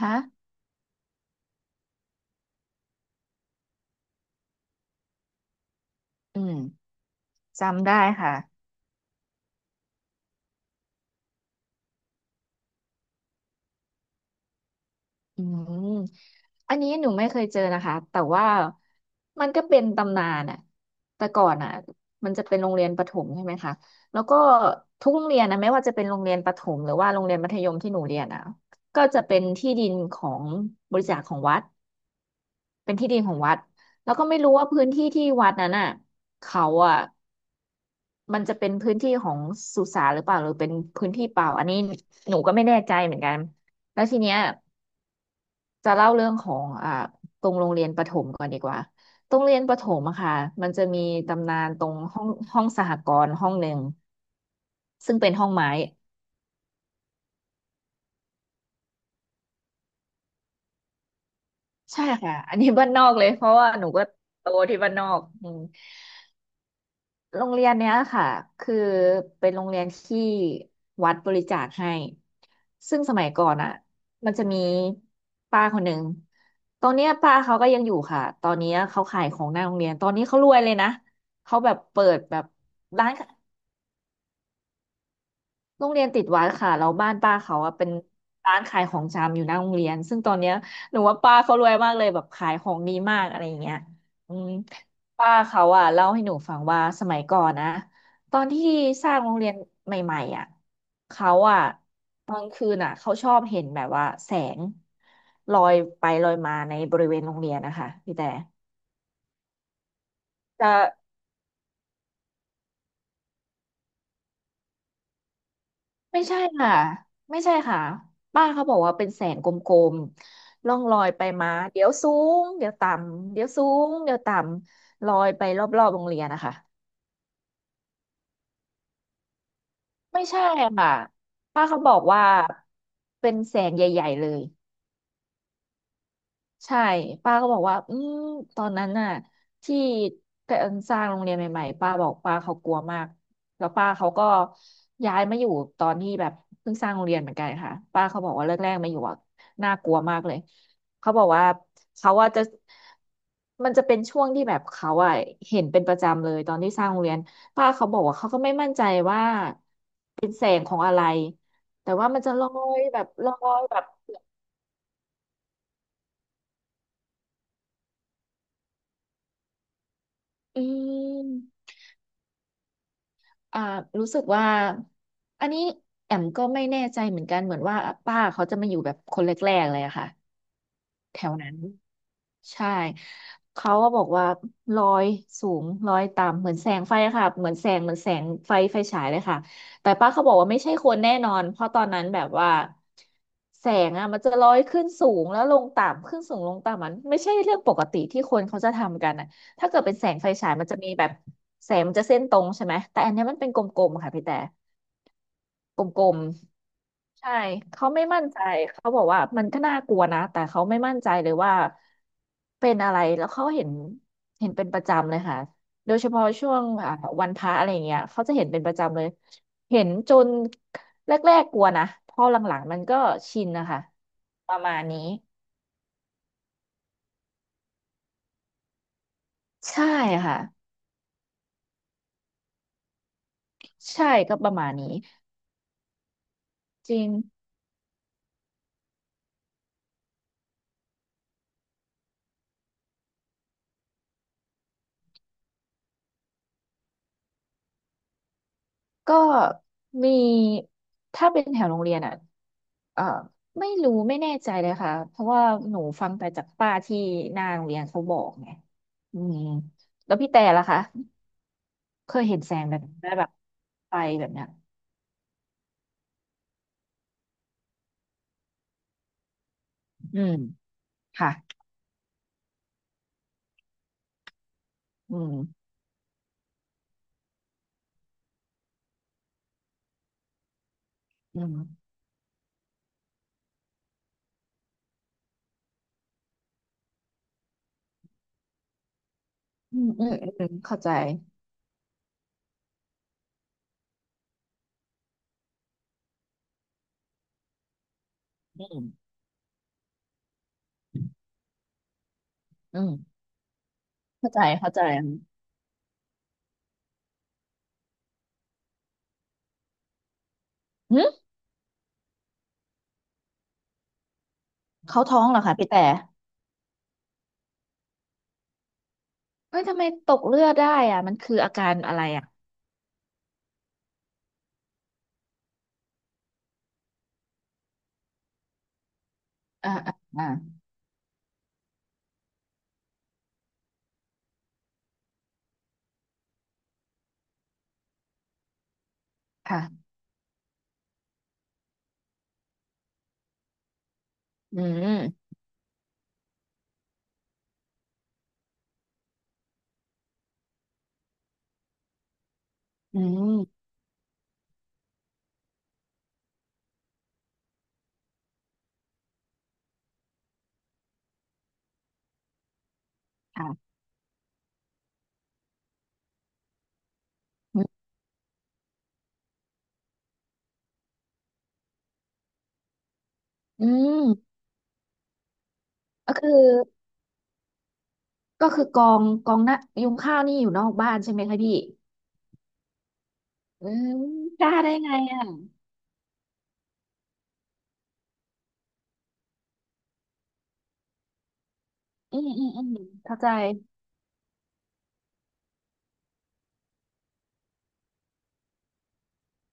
ฮะอืมจำได้ค่ะอืมอันนี้หนูไม่เคยเจอนะคะ แต่ว่ามันก็เป็นตำนานอะแต่ก่อนอะมันจะเป็นโรงเรียนประถมใช่ไหมคะแล้วก็ทุกโรงเรียนนะไม่ว่าจะเป็นโรงเรียนประถมหรือว่าโรงเรียนมัธยมที่หนูเรียนอะก็จะเป็นที่ดินของบริจาคของวัดเป็นที่ดินของวัด แล้วก็ไม่รู้ว่าพื้นที่ที่วัดนั้นอะเขาอะ มันจะเป็นพื้นที่ของสุสานหรือเปล่าหรือเป็นพื้นที่เปล่าอันนี้หนูก็ไม่แน่ใจเหมือนกันแล้วทีเนี้ยจะเล่าเรื่องของตรงโรงเรียนประถมก่อนดีกว่าโรงเรียนประถมอะค่ะมันจะมีตำนานตรงห้องสหกรณ์ห้องหนึ่งซึ่งเป็นห้องไม้ใช่ค่ะอันนี้บ้านนอกเลยเพราะว่าหนูก็โตที่บ้านนอกอืม โรงเรียนเนี้ยค่ะคือเป็นโรงเรียนที่วัดบริจาคให้ซึ่งสมัยก่อนอ่ะมันจะมีป้าคนหนึ่งตอนเนี้ยป้าเขาก็ยังอยู่ค่ะตอนเนี้ยเขาขายของหน้าโรงเรียนตอนนี้เขารวยเลยนะเขาแบบเปิดแบบร้าน โรงเรียนติดวัดค่ะแล้วบ้านป้าเขาอะเป็นร้านขายของชำอยู่หน้าโรงเรียนซึ่งตอนเนี้ยหนูว่าป้าเขารวยมากเลยแบบขายของดีมากอะไรอย่างเงี้ยอืมป้าเขาอะเล่าให้หนูฟังว่าสมัยก่อนนะตอนที่สร้างโรงเรียนใหม่ๆอะเขาอะตอนคืนอะเขาชอบเห็นแบบว่าแสงลอยไปลอยมาในบริเวณโรงเรียนนะคะพี่แต่จะ ไม่ใช่ค่ะ ไม่ใช่ค่ะป้าเขาบอกว่าเป็นแสงกลมๆล่องลอยไปมาเดี๋ยวสูงเดี๋ยวต่ำเดี๋ยวสูงเดี๋ยวต่ำลอยไปรอบๆโรงเรียนนะคะไม่ใช่ค่ะป้าเขาบอกว่าเป็นแสงใหญ่ๆเลย ใช่ป้าก็บอกว่าอืมตอนนั้นน่ะที่การสร้างโรงเรียนใหม่ๆป้าบอกป้าเขากลัวมากแล้วป้าเขาก็ย้ายมาอยู่ตอนที่แบบเพิ่งสร้างโรงเรียนเหมือนกันค่ะป้าเขาบอกว่าแรกๆมาอยู่อ่ะน่ากลัวมากเลยเขาบอกว่าเขาว่าจะมันจะเป็นช่วงที่แบบเขาอ่ะเห็นเป็นประจำเลยตอนที่สร้างโรงเรียนป้าเขาบอกว่าเขาก็ไม่มั่นใจว่าแต่ว่ามันจะลอยแบบลอยแบบอืม อ่ารู้สึกว่าอันนี้แอมก็ไม่แน่ใจเหมือนกัน เหมือนว่าป้าเขาจะมาอยู่แบบคนแรกๆเลยอะค่ะ แถวนั้นใช่เขาก็บอกว่าลอยสูงลอยต่ำเหมือนแสงไฟอะค่ะเหมือนแสงเหมือนแสงไฟฉายเลยค่ะแต่ป้าเขาบอกว่าไม่ใช่คนแน่นอนเพราะตอนนั้นแบบว่าแสงอะมันจะลอยขึ้นสูงแล้วลงต่ำขึ้นสูงลงต่ำมันไม่ใช่เรื่องปกติที่คนเขาจะทำกันอะถ้าเกิดเป็นแสงไฟฉายมันจะมีแบบแสงมันจะเส้นตรงใช่ไหมแต่อันเนี้ยมันเป็นกลมๆค่ะพี่แต่ กลมๆใช่เขาไม่มั่นใจเขาบอกว่ามันก็น่ากลัวนะแต่เขาไม่มั่นใจเลยว่าเป็นอะไรแล้วเขาเห็นเห็นเป็นประจำเลยค่ะโดยเฉพาะช่วงวันพระอะไรเงี้ยเขาจะเห็นเป็นประจำเลยเห็นจนแรกๆกลัวนะพอหลังๆมันก็ชินนะคะประมาณนี้ใช่ค่ะใช่ก็ประมาณนี้จริงก็มีถ้าเป็นแถวโรงเรียนอ่ะ เออไม่รู้ไม่แน่ใจเลยค่ะเพราะว่าหนูฟังแต่จากป้าที่หน้าโรงเรียนเขาบอกไงอืมแล้วพี่แต่ล่ะคะเคยเห็นแสงแบบได้แบบไฟแบบเนี้ยอืมค่ะอืมอืมอืมอืมอืมเข้าใจอืมอืมเข้าใจเข้าใจหึเขาท้องเหรอคะพี่แต่เอ้ยทำไมตกเลือดได้อ่ะมันคืออาการอะไรอ่ะอ่าอ่าอ่าค่ะอืมอืมค่ะอืมก็คือ ก็คือกองกองน่ะยุงข้าวนี่อยู่นอกบ้านใช่ไหมคะพี่อืมกล้าได้ไงอ่ะอืมอืมอืมเข้าใจ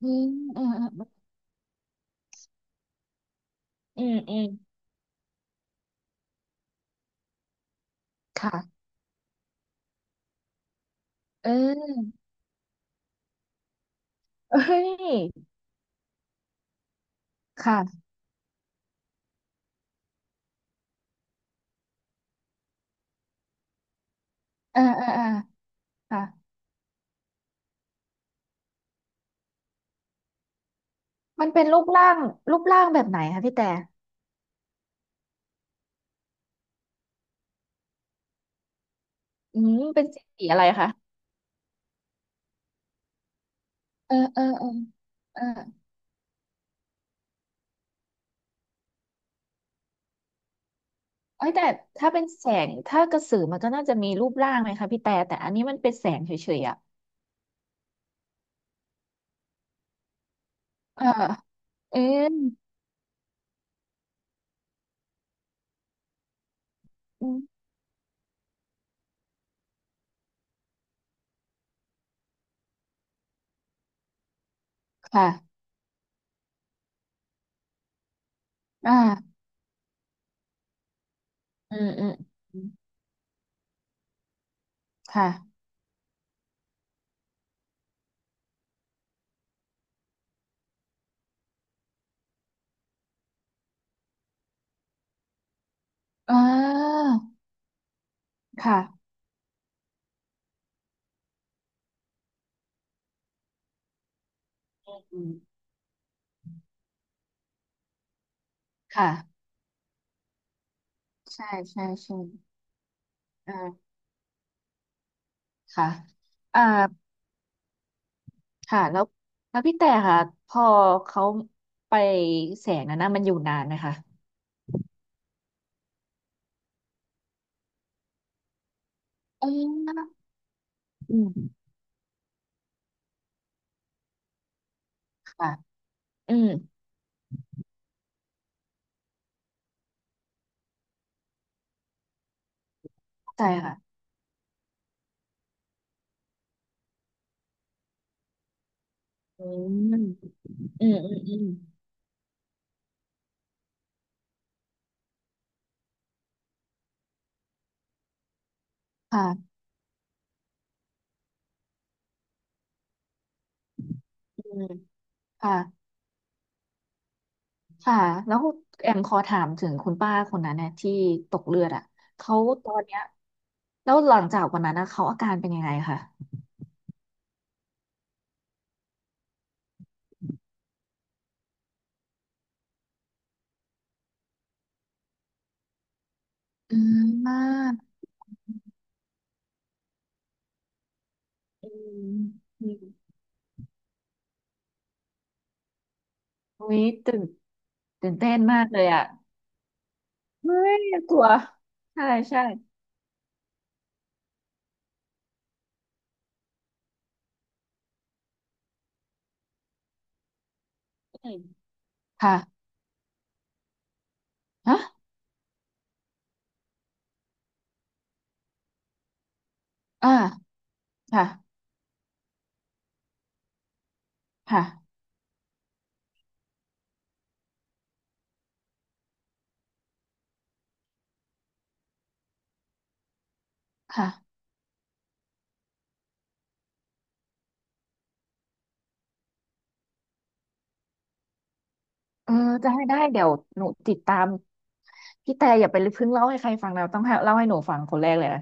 อืมอืมอืมอืมค่ะเออเอ้ยค่ะเออเออเออค่ะมันเป็นรูปร่างรูปร่างแบบไหนคะพี่แต่อืมเป็นสีอะไรคะเออเออเออเออเอ้ยแต่ถ้าเป็นแสงถ้ากระสือมันก็น่าจะมีรูปร่างไหมคะพี่แต่แต่อันนี้มันเป็นแสงเฉยๆอ่ะเออเอออืมค่ะอ่า อืมอืมอืมค่ะอ่าค่ะอืมอืมค่ะใช่ใช่ใช่อ่าค่ะอ่าค่ะแล้วแล้วพี่แต่ค่ะพอเขาไปแสงนั้นนะมันอยู่นานไหมคะเอออืมค่ะอืมเข้าใจค่ะอืมอืมอืมอืมค่ะอืมค่ะ ค่ะแล้วแอมขอถามถึงคุณป้าคนนั้นเนี่ยที่ตกเลือดอ่ะเขาตอนเนี้ยแล้วหลังจากวันนั้นนะเขาอาการเป็นยังไงคะอืมมากอืมอืมอุ๊ยตื่นตื่นเต้นมากเลยอ่ะเฮ้ยกลัวใช่ใช่อืมค่ะฮะอ่าค่ะค่ะค่ะเออจะให้ได้เดี๋ยวหนูติดตามพี่แต่อย่าไปเพิ่งเล่าให้ใครฟังนะต้องให้เล่าให้หนูฟังคนแรกเลยนะ